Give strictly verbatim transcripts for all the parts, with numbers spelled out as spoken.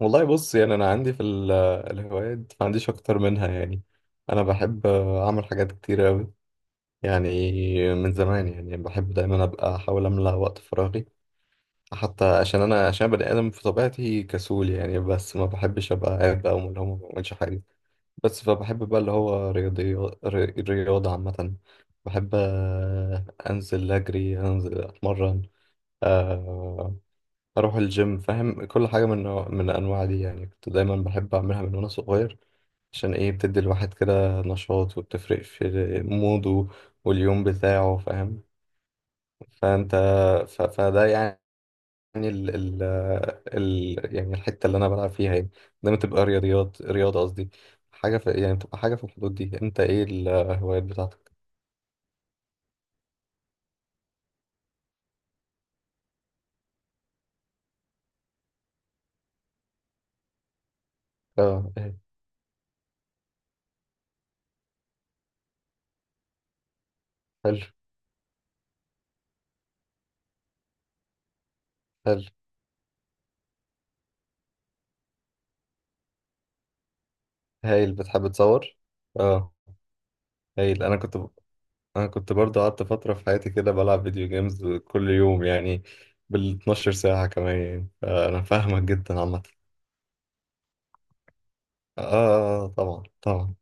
والله بص، يعني انا عندي في ال- الهوايات، ما عنديش اكتر منها يعني. انا بحب اعمل حاجات كتير قوي يعني. من زمان يعني بحب دايما ابقى احاول املى وقت فراغي، حتى عشان انا عشان بني ادم في طبيعتي كسول يعني. بس ما بحبش ابقى قاعد بقى وملهوم وما بعملش حاجه. بس فبحب بقى اللي هو رياضي ري- رياضه عامه. بحب آه، انزل اجري، انزل اتمرن، آه اروح الجيم، فاهم؟ كل حاجه من نوع- من الانواع دي يعني كنت دايما بحب اعملها من وانا صغير. عشان ايه؟ بتدي الواحد كده نشاط وبتفرق في موده واليوم بتاعه، فاهم؟ فانت ف... فده يعني. ال... ال... ال... يعني الحته اللي انا بلعب فيها يعني دايما تبقى رياضيات، رياضه قصدي. حاجه في... يعني تبقى حاجه في الحدود دي. انت ايه الهوايات بتاعتك؟ اه إيه. حلو، حلو. هايل، بتحب تصور؟ اه، هايل. انا كنت انا كنت برضو قعدت فترة في حياتي كده بلعب فيديو جيمز كل يوم يعني، بال اثنا عشر ساعة كمان يعني، فانا فاهمك جدا عامة. آه, آه, آه، آه، طبعا طبعا.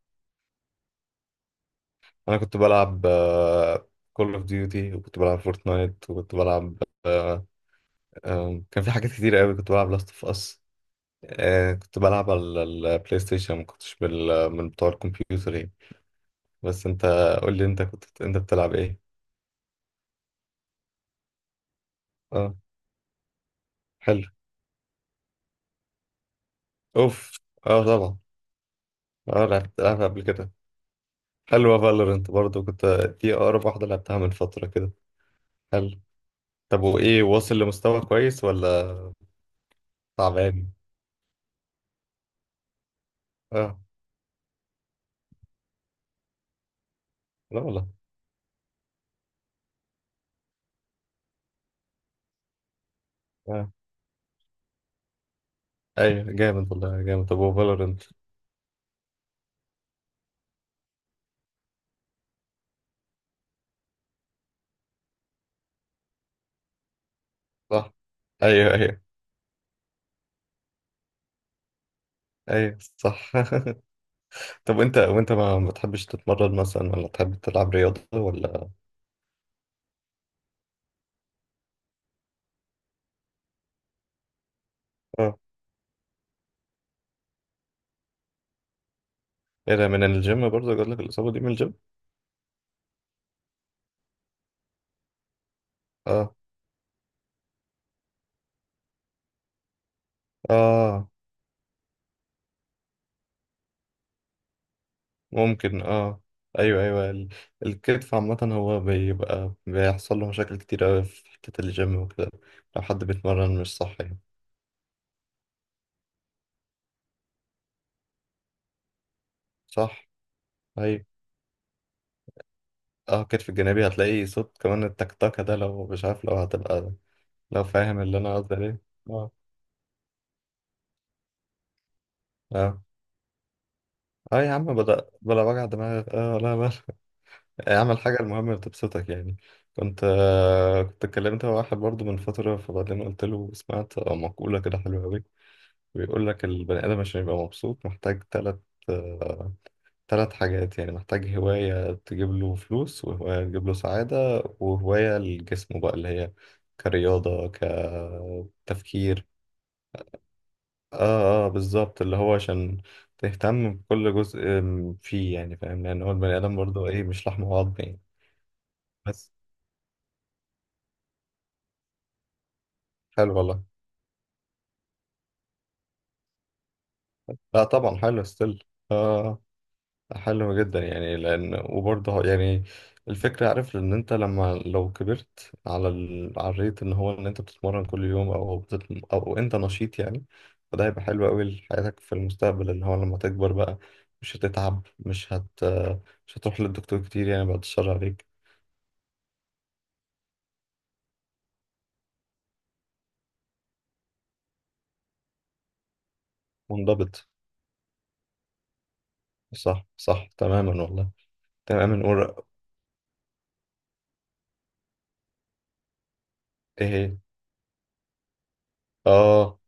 انا كنت بلعب كول اوف ديوتي، وكنت بلعب فورتنايت، وكنت بلعب آه آه كان في حاجات كتير قوي كنت بلعب لاست اوف اس، آه كنت بلعب على البلاي ستيشن، ما كنتش بال من بتوع الكمبيوتر يعني. بس انت قول لي، انت كنت انت بتلعب ايه؟ اه. حلو. اوف، اه طبعا. اه، لعبت لعبت قبل كده. حلوة فالورنت برضو، كنت دي أقرب واحدة لعبتها من فترة كده. حلو. طب وإيه، واصل لمستوى كويس ولا تعبان؟ آه. لا والله. آه، أيوة جامد والله، جامد. طب وفالورنت؟ صح. أيوة أيوة. أيوة، صح. طب، وأنت وأنت ما ما بتحبش تتمرن مثلا، ولا تحب تلعب رياضة، ولا؟ آه. إيه ده، من الجيم برضو جات لك الإصابة دي، من الجيم؟ آه، آه ممكن، اه. ايوه ايوه، ال- الكتف عامة هو بيبقى بيحصل له مشاكل كتير اوي في حتة الجيم وكده، لو حد بيتمرن مش صح يعني. صح. ايوه، اه، الكتف الجانبي هتلاقي صوت كمان، التكتكة ده، لو مش عارف، لو هتبقى، لو فاهم اللي انا قصدي عليه. اه اه، اه يا عم، بلا بلا وجع دماغ. اه لا لا. اعمل حاجة المهم اللي تبسطك يعني. كنت آه كنت اتكلمت مع واحد برضه من فترة، فبعدين قلت له سمعت مقولة كده حلوة أوي. بيقول لك البني آدم عشان يبقى مبسوط محتاج تلات آه، تلات حاجات يعني. محتاج هواية تجيب له فلوس، وهواية تجيب له سعادة، وهواية لجسمه بقى اللي هي كرياضة، كتفكير. اه اه بالظبط، اللي هو عشان تهتم بكل جزء فيه، يعني فاهم؟ لأن هو البني آدم برضه ايه، مش لحم وعظم يعني. بس. حلو والله. لا طبعا، حلو ستيل. اه، حلو جدا يعني، لان وبرضه يعني الفكره، عارف ان انت لما لو كبرت على ال... على الريت ان هو ان انت بتتمرن كل يوم، او بتت... او انت نشيط يعني، فده هيبقى حلو قوي لحياتك في المستقبل، ان هو لما تكبر بقى مش هتتعب، مش هت مش هتروح للدكتور كتير يعني، بعد الشر عليك. منضبط، صح صح، تماما والله. تماما نقول. ايه هي؟ اه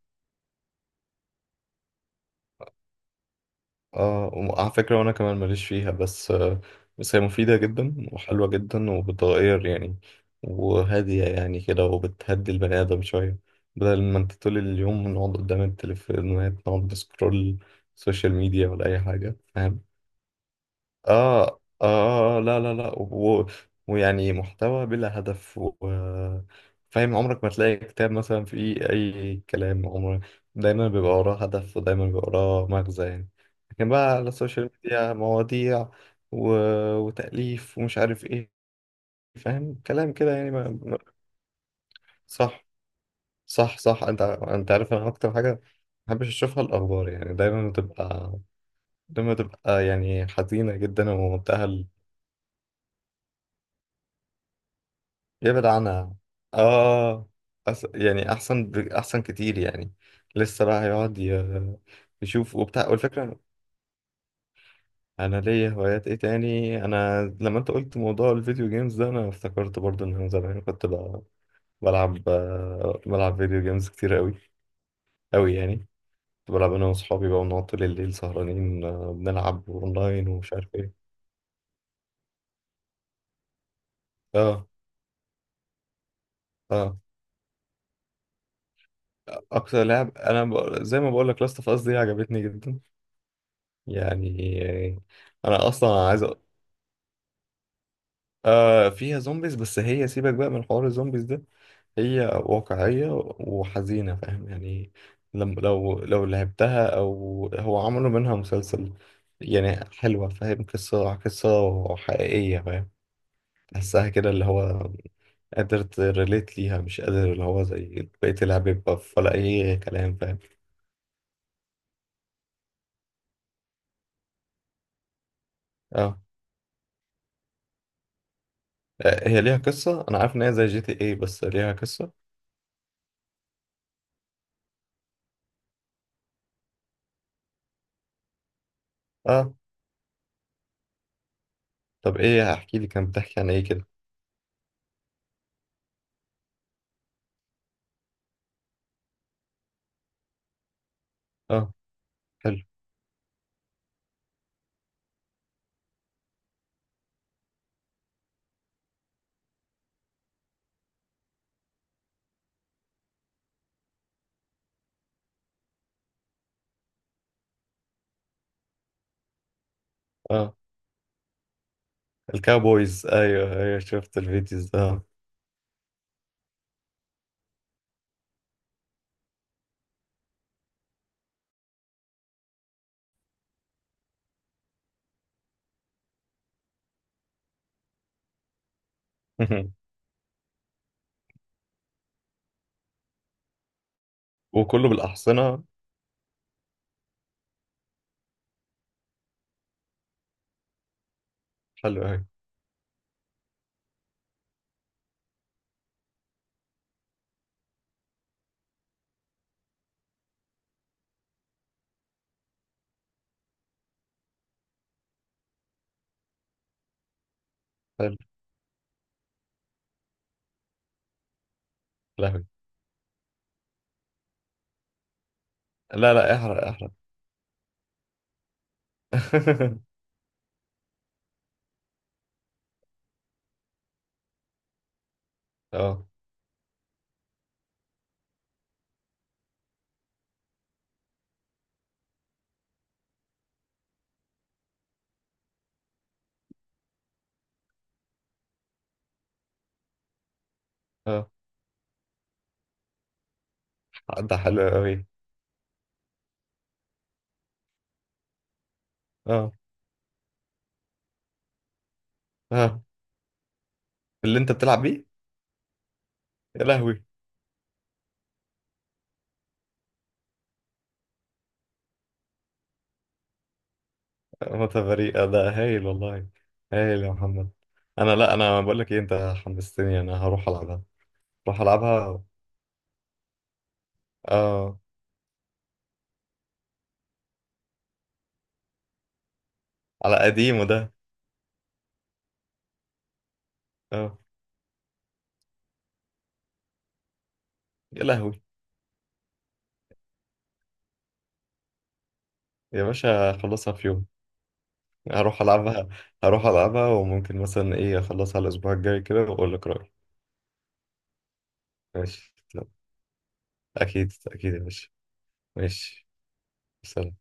اه، وعلى فكرة وانا كمان ماليش فيها، بس آه، بس هي مفيدة جدا وحلوة جدا وبتغير يعني، وهادية يعني كده، وبتهدي البني آدم شوية. بدل ما انت طول اليوم نقعد قدام التليفونات، نقعد نسكرول سوشيال ميديا ولا أي حاجة، فاهم؟ آه آه آه، آه، لا لا لا، و... ويعني محتوى بلا هدف، و... فاهم، عمرك ما تلاقي كتاب مثلا فيه أي كلام. عمرك دايما بيبقى وراه هدف ودايما بيبقى وراه مغزى يعني، لكن بقى على السوشيال ميديا مواضيع و... وتأليف ومش عارف إيه، فاهم كلام كده يعني ما... ما- صح صح، صح. أنت أنت عارف، أنا أكتر حاجة ما بحبش أشوفها الأخبار يعني، دايما بتبقى دايما بتبقى يعني حزينة جدا ومنتهى. يبعد عنها. اه، أس... يعني احسن، ب... احسن كتير يعني. لسه بقى هيقعد ي... يشوف وبتاع. والفكره، انا ليا هوايات ايه تاني؟ انا لما انت قلت موضوع الفيديو جيمز ده، انا افتكرت برضو ان انا زمان كنت ب... بلعب آه، بلعب فيديو جيمز كتير قوي، قوي يعني. كنت بلعب انا واصحابي بقى ونقعد طول الليل سهرانين، آه، بنلعب اونلاين ومش عارف ايه. اه. اه، اكتر لعب انا، ب... زي ما بقول لك، لاست اوف اس دي عجبتني جدا يعني. انا اصلا عايز أ... آه، فيها زومبيز، بس هي سيبك بقى من حوار الزومبيز ده. هي واقعية وحزينة، فاهم يعني؟ لم... لو لو لعبتها، او هو عملوا منها مسلسل يعني. حلوة فاهم، قصة قصة حقيقية، فاهم؟ تحسها كده اللي هو قادر تريليت ليها، مش قادر اللي هو زي بقية اللعب، يبقى ولا أي كلام، فاهم؟ اه. آه، هي ليها قصة. أنا عارف إن هي زي جي تي إيه، بس ليها قصة. آه، طب ايه، هحكي لي، كان بتحكي عن ايه كده؟ اه. حلو. اه، الكاوبويز، ايوه ايوه، شفت الفيديوز ده. آه. وكله بالاحصنه. حلو، ايوه. حلو. لهوي. لا لا، احرق احرق. اه اه، ده حلو قوي. اه اه. اللي انت بتلعب بيه. يا لهوي. متفريقه ده، هايل والله. هايل يا محمد. انا لا انا بقول لك ايه، انت حمستني. انا هروح العبها، هروح العبها. اه، على قديمه ده. اه. يا لهوي. يا باشا، خلصها في يوم. هروح ألعبها، هروح ألعبها، وممكن مثلا إيه أخلصها الأسبوع الجاي كده وأقول لك رأيي. ماشي تمام. أكيد أكيد يا باشا. ماشي. سلام.